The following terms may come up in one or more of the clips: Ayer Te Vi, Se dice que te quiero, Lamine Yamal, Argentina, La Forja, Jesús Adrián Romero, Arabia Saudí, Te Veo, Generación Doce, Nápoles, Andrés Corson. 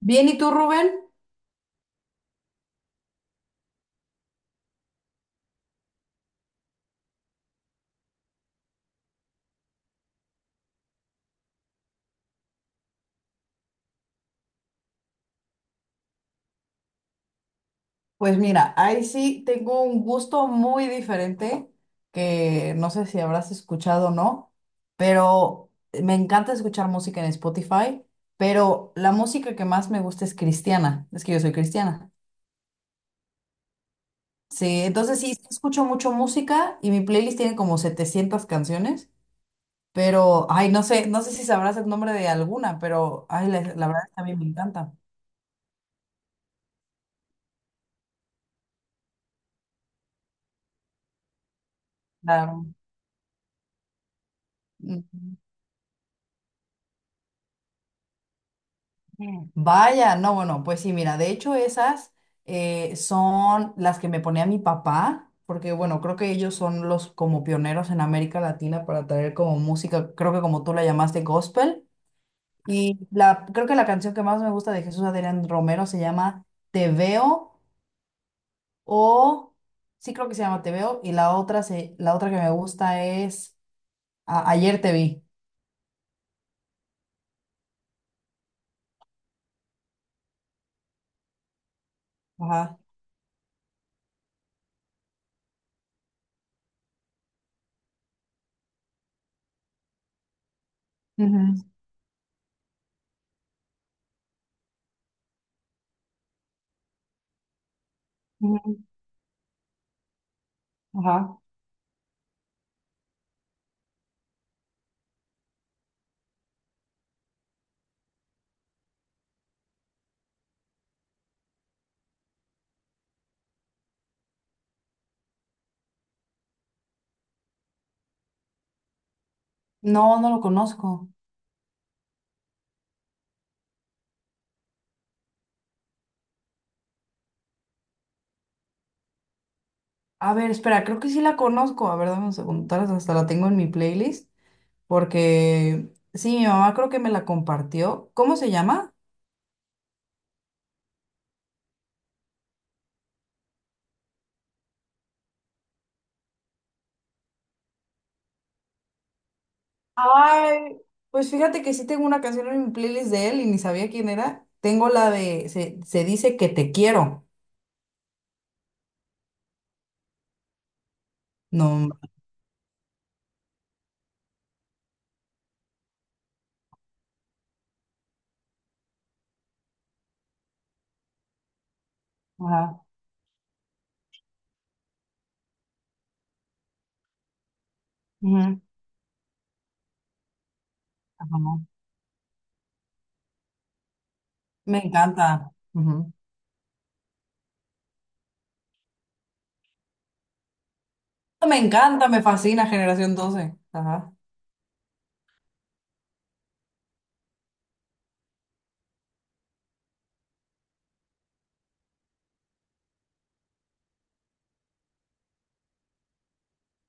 Bien, ¿y tú, Rubén? Pues mira, ahí sí tengo un gusto muy diferente que no sé si habrás escuchado o no, pero me encanta escuchar música en Spotify, pero la música que más me gusta es cristiana, es que yo soy cristiana. Sí, entonces sí, sí escucho mucho música y mi playlist tiene como 700 canciones, pero, ay, no sé, no sé si sabrás el nombre de alguna, pero, ay, la verdad es que a mí me encanta. Claro. Ujú. Vaya, no, bueno, pues sí, mira, de hecho esas son las que me ponía mi papá, porque bueno, creo que ellos son los como pioneros en América Latina para traer como música, creo que como tú la llamaste gospel, y la, creo que la canción que más me gusta de Jesús Adrián Romero se llama Te Veo, o sí creo que se llama Te Veo, y la otra, se, la otra que me gusta es Ayer Te Vi. Ajá. Ujú, ujú, ajá. No, no lo conozco. A ver, espera, creo que sí la conozco. A ver, dame un segundo, tal vez hasta la tengo en mi playlist, porque sí, mi mamá creo que me la compartió. ¿Cómo se llama? Ay, pues fíjate que sí tengo una canción en mi playlist de él y ni sabía quién era. Tengo la de Se, se dice que te quiero. No. Ajá. Ujú, ajá. Me encanta. Ujú. Me encanta, me fascina Generación doce. Ajá.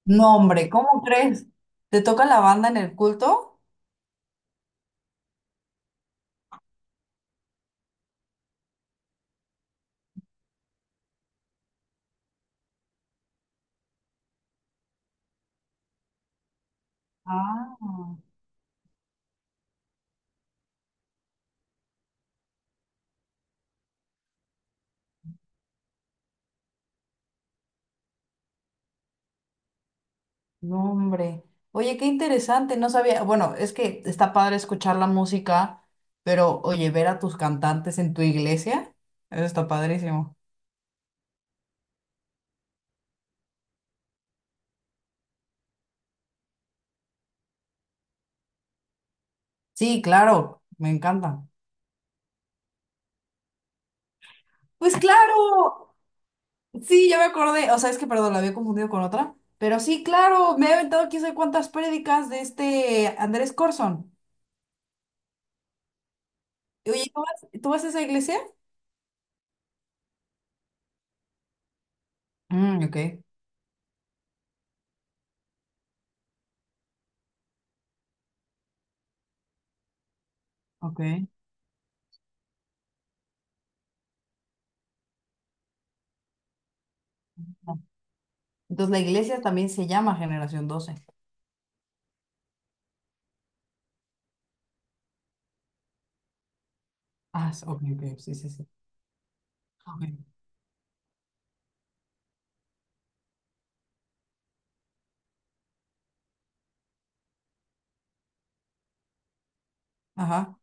No, hombre, ¿cómo crees? ¿Te toca la banda en el culto? Ah. No, hombre. Oye, qué interesante, no sabía. Bueno, es que está padre escuchar la música, pero oye, ver a tus cantantes en tu iglesia, eso está padrísimo. Sí, claro, me encanta. Pues claro, sí, ya me acordé. O sea, es que, perdón, la había confundido con otra. Pero sí, claro, me he aventado quién sabe cuántas prédicas de este Andrés Corson. Oye, ¿tú vas a esa iglesia? Mm, ok, ok. Entonces la iglesia también se llama Generación Doce. Ah, s- ok, ok, sí, sí, sí. Ok. Ajá.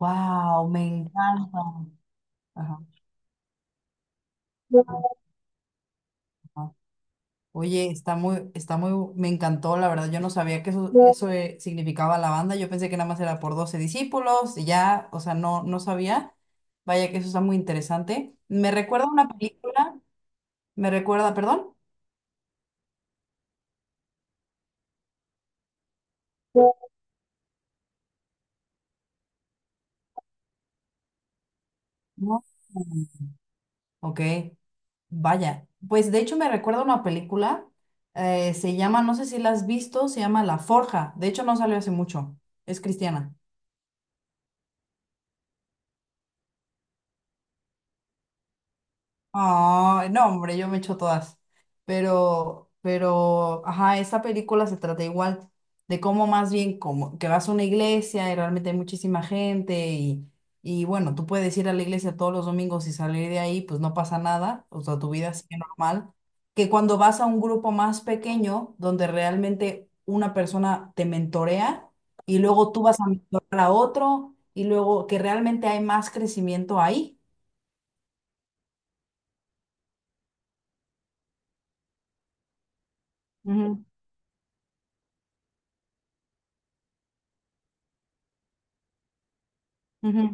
Wow, me encanta. Ajá. Ajá. Oye, está muy, me encantó, la verdad. Yo no sabía que eso significaba la banda. Yo pensé que nada más era por 12 discípulos y ya, o sea, no, no sabía. Vaya que eso está muy interesante. Me recuerda a una película, me recuerda, perdón. No. Ok, vaya. Pues de hecho me recuerda a una película, se llama, no sé si la has visto, se llama La Forja. De hecho no salió hace mucho, es cristiana. Ah, no, hombre, yo me echo todas. Ajá, esa película se trata igual de cómo más bien, como que vas a una iglesia y realmente hay muchísima gente y bueno, tú puedes ir a la iglesia todos los domingos y salir de ahí, pues no pasa nada, o sea, tu vida sigue normal. Que cuando vas a un grupo más pequeño, donde realmente una persona te mentorea y luego tú vas a mentorar a otro y luego que realmente hay más crecimiento ahí. Ujú, ujú,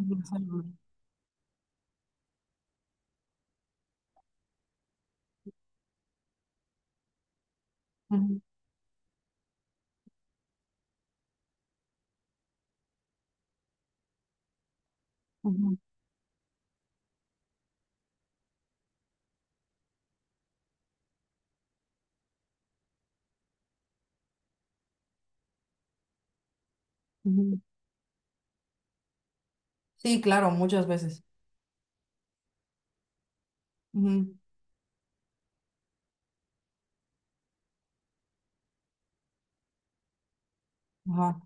ujú, ujú, ujú. Sí, claro, muchas veces. Ujú, ajá,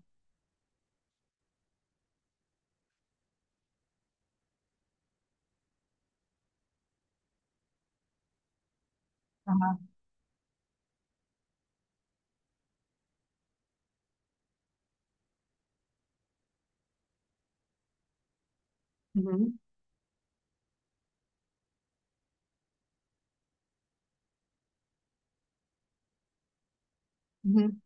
ajá, ujú, ujú.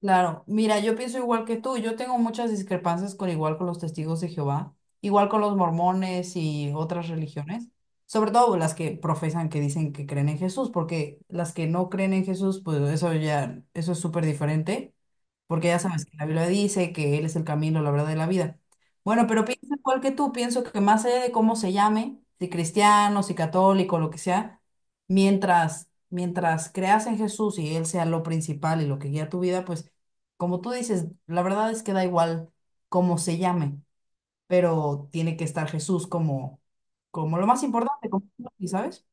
Claro, mira, yo pienso igual que tú, yo tengo muchas discrepancias con igual con los testigos de Jehová, igual con los mormones y otras religiones, sobre todo las que profesan que dicen que creen en Jesús, porque las que no creen en Jesús, pues eso ya, eso es súper diferente, porque ya sabes que la Biblia dice que Él es el camino, la verdad y la vida. Bueno, pero pienso igual que tú, pienso que más allá de cómo se llame, si cristiano, si católico, lo que sea, mientras creas en Jesús y Él sea lo principal y lo que guía tu vida, pues como tú dices, la verdad es que da igual cómo se llame, pero tiene que estar Jesús como, como lo más importante, como, ¿sabes?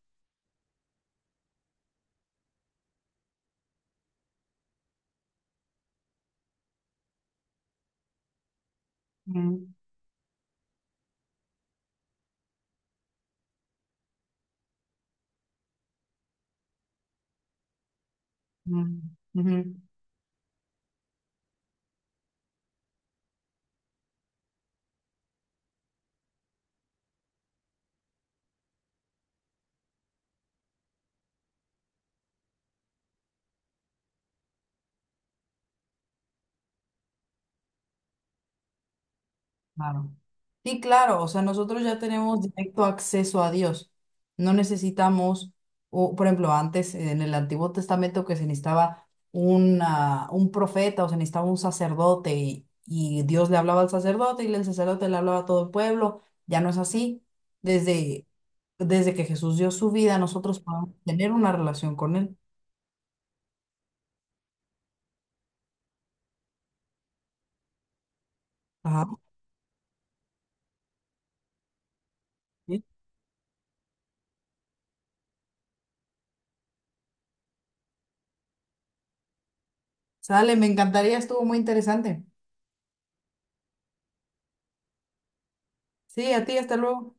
Mm, mm, ujú. Claro. Sí, claro, o sea, nosotros ya tenemos directo acceso a Dios. No necesitamos, o, por ejemplo, antes en el Antiguo Testamento que se necesitaba una, un profeta o se necesitaba un sacerdote y Dios le hablaba al sacerdote y el sacerdote le hablaba a todo el pueblo. Ya no es así. Desde, desde que Jesús dio su vida, nosotros podemos tener una relación con Él. Ajá. Sí. Sale, me encantaría, estuvo muy interesante. Sí, a ti, hasta luego.